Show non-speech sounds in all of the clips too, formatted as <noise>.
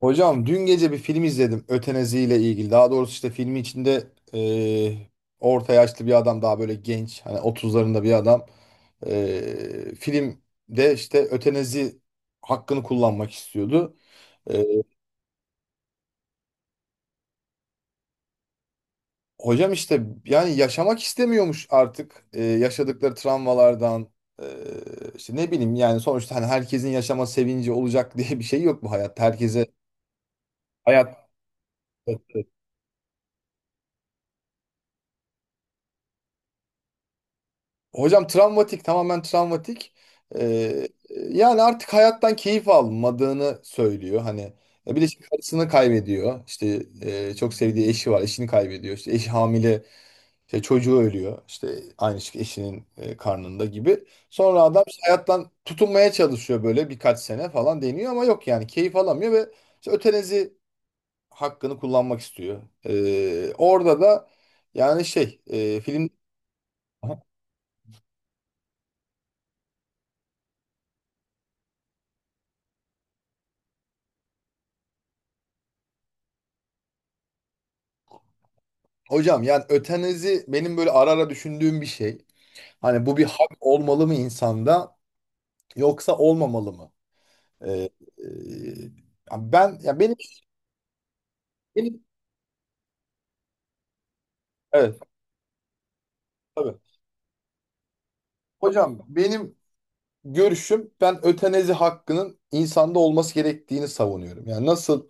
Hocam dün gece bir film izledim ötenazi ile ilgili. Daha doğrusu işte filmi içinde eee, orta yaşlı bir adam daha böyle genç, hani 30'larında bir adam. Filmde işte ötenazi hakkını kullanmak istiyordu. Eee, Hocam işte yani yaşamak istemiyormuş artık. Yaşadıkları travmalardan, eee, işte ne bileyim, yani sonuçta hani herkesin yaşama sevinci olacak <laughs> diye bir şey yok bu hayatta. Herkese hayat. Hocam travmatik, tamamen travmatik. Ee, Yani artık hayattan keyif almadığını söylüyor. Hani, bir de işte karısını kaybediyor. İşte çok sevdiği eşi var, eşini kaybediyor. İşte eşi hamile, işte çocuğu ölüyor. İşte aynı şey eşinin karnında gibi. Sonra adam işte hayattan tutunmaya çalışıyor, böyle birkaç sene falan deniyor ama yok, yani keyif alamıyor ve işte ötenezi hakkını kullanmak istiyor. Orada da yani şey, film. Hocam yani ötenazi benim böyle ara ara düşündüğüm bir şey. Hani bu bir hak olmalı mı insanda, yoksa olmamalı mı? Ee, e, Yani ben, ya benim. Evet, tabii. Hocam benim görüşüm, ben ötenazi hakkının insanda olması gerektiğini savunuyorum. Yani nasıl,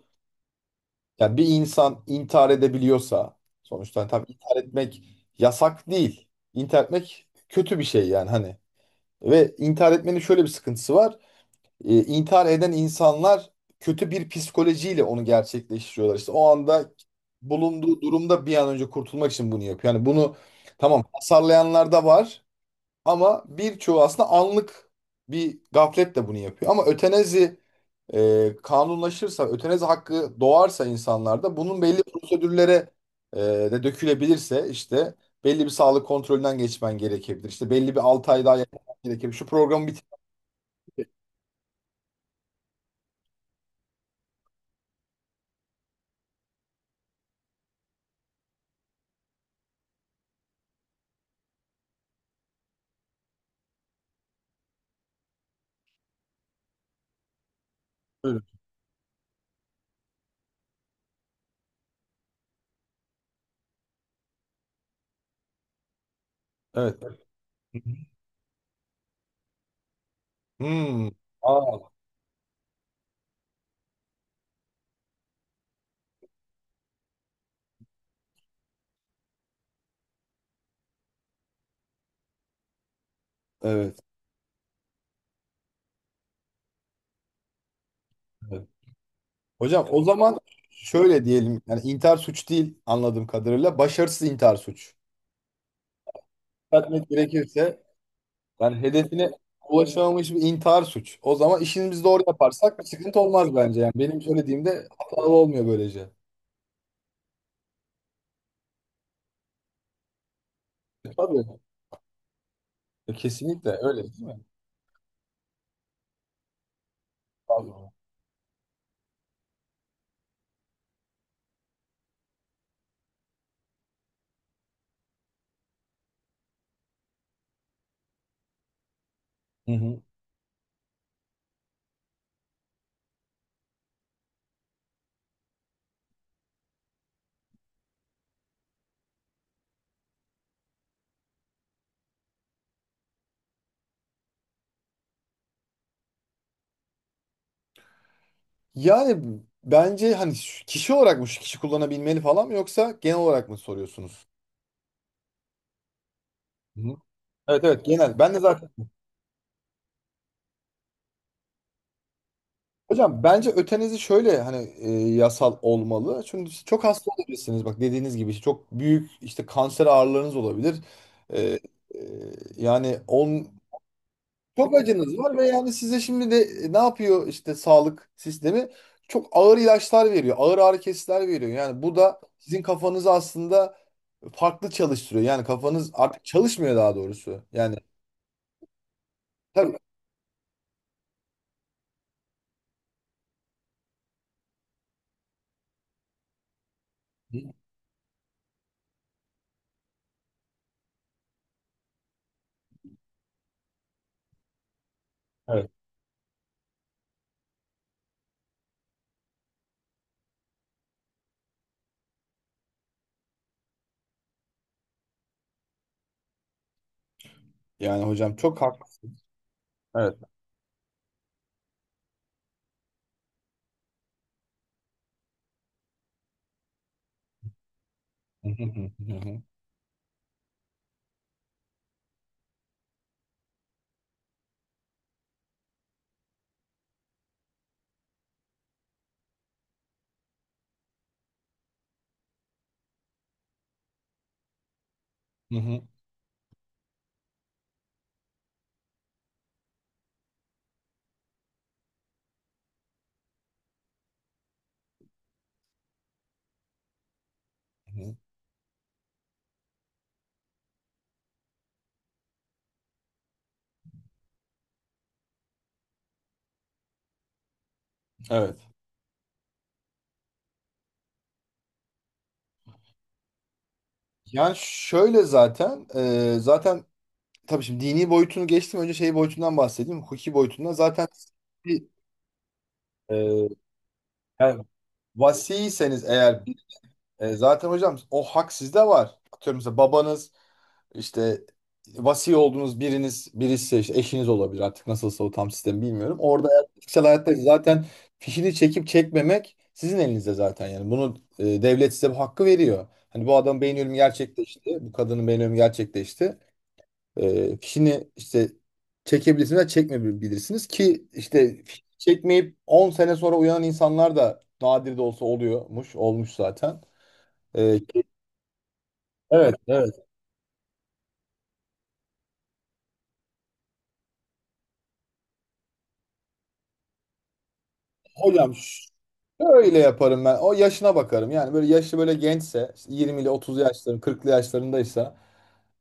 yani bir insan intihar edebiliyorsa, sonuçta hani tabii intihar etmek yasak değil. İntihar etmek kötü bir şey yani, hani ve intihar etmenin şöyle bir sıkıntısı var. İntihar eden insanlar kötü bir psikolojiyle onu gerçekleştiriyorlar. İşte o anda bulunduğu durumda bir an önce kurtulmak için bunu yapıyor. Yani bunu tamam hasarlayanlar da var ama birçoğu aslında anlık bir gafletle bunu yapıyor. Ama ötenezi kanunlaşırsa, ötenezi hakkı doğarsa insanlarda, bunun belli prosedürlere de dökülebilirse, işte belli bir sağlık kontrolünden geçmen gerekebilir. İşte belli bir 6 ay daha yaşaman gerekebilir. Şu programı bitir. Buyurun. Evet. Hı hı. Hmm. Aa, evet. Evet. Hocam o zaman şöyle diyelim. Yani intihar suç değil anladığım kadarıyla. Başarısız intihar suç. Düzeltmek gerekirse, yani hedefine ulaşamamış bir intihar suç. O zaman işimizi doğru yaparsak bir sıkıntı olmaz bence. Yani benim söylediğimde hatalı olmuyor böylece. Tabii. Kesinlikle, öyle değil mi? Tabii. Hı hı. Yani bence hani kişi olarak mı, şu kişi kullanabilmeli falan mı, yoksa genel olarak mı soruyorsunuz? Hı hı. Evet, evet, genel. Ben de zaten. Hocam bence ötenizi şöyle hani, yasal olmalı. Çünkü siz çok hasta olabilirsiniz. Bak, dediğiniz gibi işte çok büyük işte kanser ağrılarınız olabilir. E, e, Yani on. Çok acınız var ve yani size şimdi de ne yapıyor işte sağlık sistemi? Çok ağır ilaçlar veriyor. Ağır ağrı kesiciler veriyor. Yani bu da sizin kafanızı aslında farklı çalıştırıyor. Yani kafanız artık çalışmıyor, daha doğrusu. Yani tabii. Evet. Yani hocam çok haklısın. Evet. Hı hı hı hı hı hı hı. Evet. Yani şöyle zaten, tabii şimdi dini boyutunu geçtim. Önce şey boyutundan bahsedeyim. Hukuki boyutundan. Zaten bir, e, yani, vasiyseniz eğer. Zaten hocam o hak sizde var. Atıyorum, mesela babanız işte, vasi olduğunuz birisi, işte eşiniz olabilir artık, nasılsa o tam sistemi bilmiyorum. Orada kişisel hayatta zaten fişini çekip çekmemek sizin elinizde zaten yani. Bunu devlet size bu hakkı veriyor. Hani bu adam beyin ölümü gerçekleşti. Bu kadının beyin ölümü gerçekleşti. Fişini işte çekebilirsiniz ve çekmeyebilirsiniz ki, işte fişini çekmeyip 10 sene sonra uyanan insanlar da nadir de olsa oluyormuş. Olmuş zaten. E, Evet, evet. Hocam şöyle yaparım ben. O yaşına bakarım. Yani böyle yaşlı, böyle gençse, işte 20 ile 30 yaşların, 40'lı yaşlarındaysa,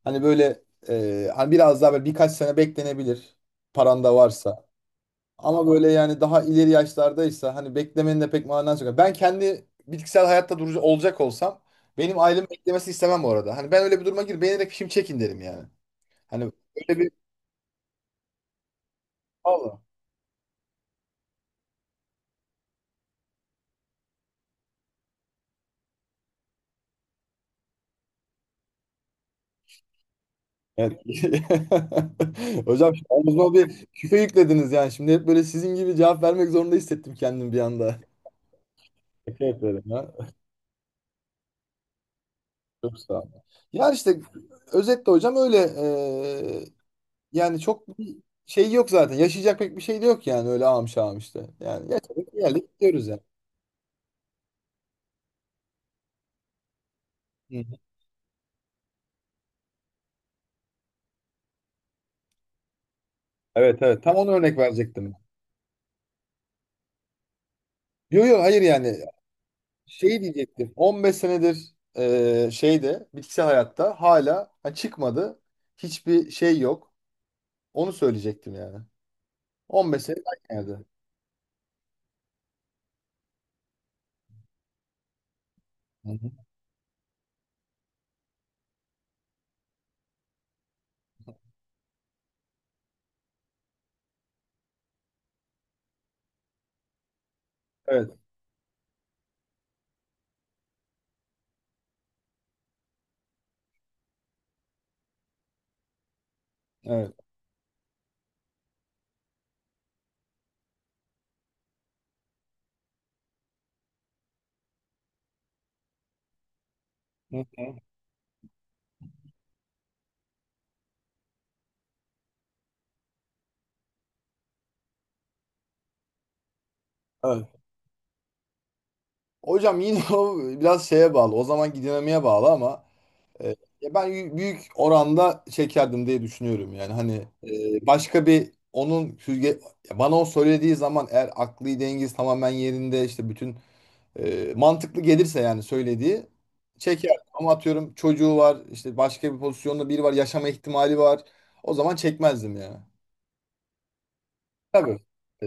hani böyle, hani biraz daha böyle birkaç sene beklenebilir, paran da varsa. Ama böyle yani daha ileri yaşlardaysa, hani beklemenin de pek manası yok. Ben kendi bitkisel hayatta durucu olacak olsam, benim ailem beklemesi istemem orada. Hani ben öyle bir duruma gir, beğenerek şimdi çekin derim yani. Hani öyle bir. Vallahi. Evet. <laughs> Hocam şu ağzıma bir küfe yüklediniz yani. Şimdi hep böyle sizin gibi cevap vermek zorunda hissettim kendimi bir anda. Teşekkür ederim ya. Çok sağ olun. Ya işte özetle hocam öyle, yani çok bir şey yok zaten. Yaşayacak pek bir şey de yok yani, öyle ağam şağım işte. Yani yaşadık, geldik, gidiyoruz yani. Hı hı. Evet, evet, tam onu örnek verecektim. Yok, yok, hayır, yani şey diyecektim. 15 senedir şeyde, bitkisel hayatta, hala çıkmadı. Hiçbir şey yok. Onu söyleyecektim yani. 15 sene erken evde. Hı hı. Evet, evet. Hı hı. Evet. Hocam yine <laughs> o biraz şeye bağlı. O zamanki dinamiğe bağlı ama, e, ya büyük oranda çekerdim diye düşünüyorum yani. Hani, başka bir, onun süzge, ya bana o söylediği zaman eğer aklı dengesi tamamen yerinde, işte bütün, mantıklı gelirse yani söylediği, çeker. Ama atıyorum, çocuğu var, işte başka bir pozisyonda biri var, yaşama ihtimali var. O zaman çekmezdim ya. Tabii. E,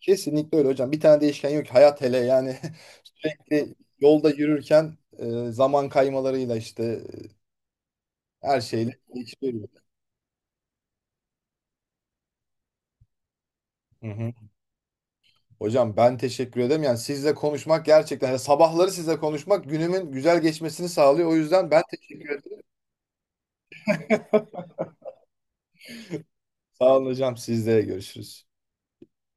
Kesinlikle öyle hocam. Bir tane değişken yok ki. Hayat hele yani <laughs> sürekli yolda yürürken, zaman kaymalarıyla işte, her şeyle geçiriyor. Hı hı. Hocam ben teşekkür ederim. Yani sizle konuşmak, gerçekten yani sabahları sizle konuşmak günümün güzel geçmesini sağlıyor. O yüzden ben teşekkür ederim. Sağ olun hocam. Sizle görüşürüz.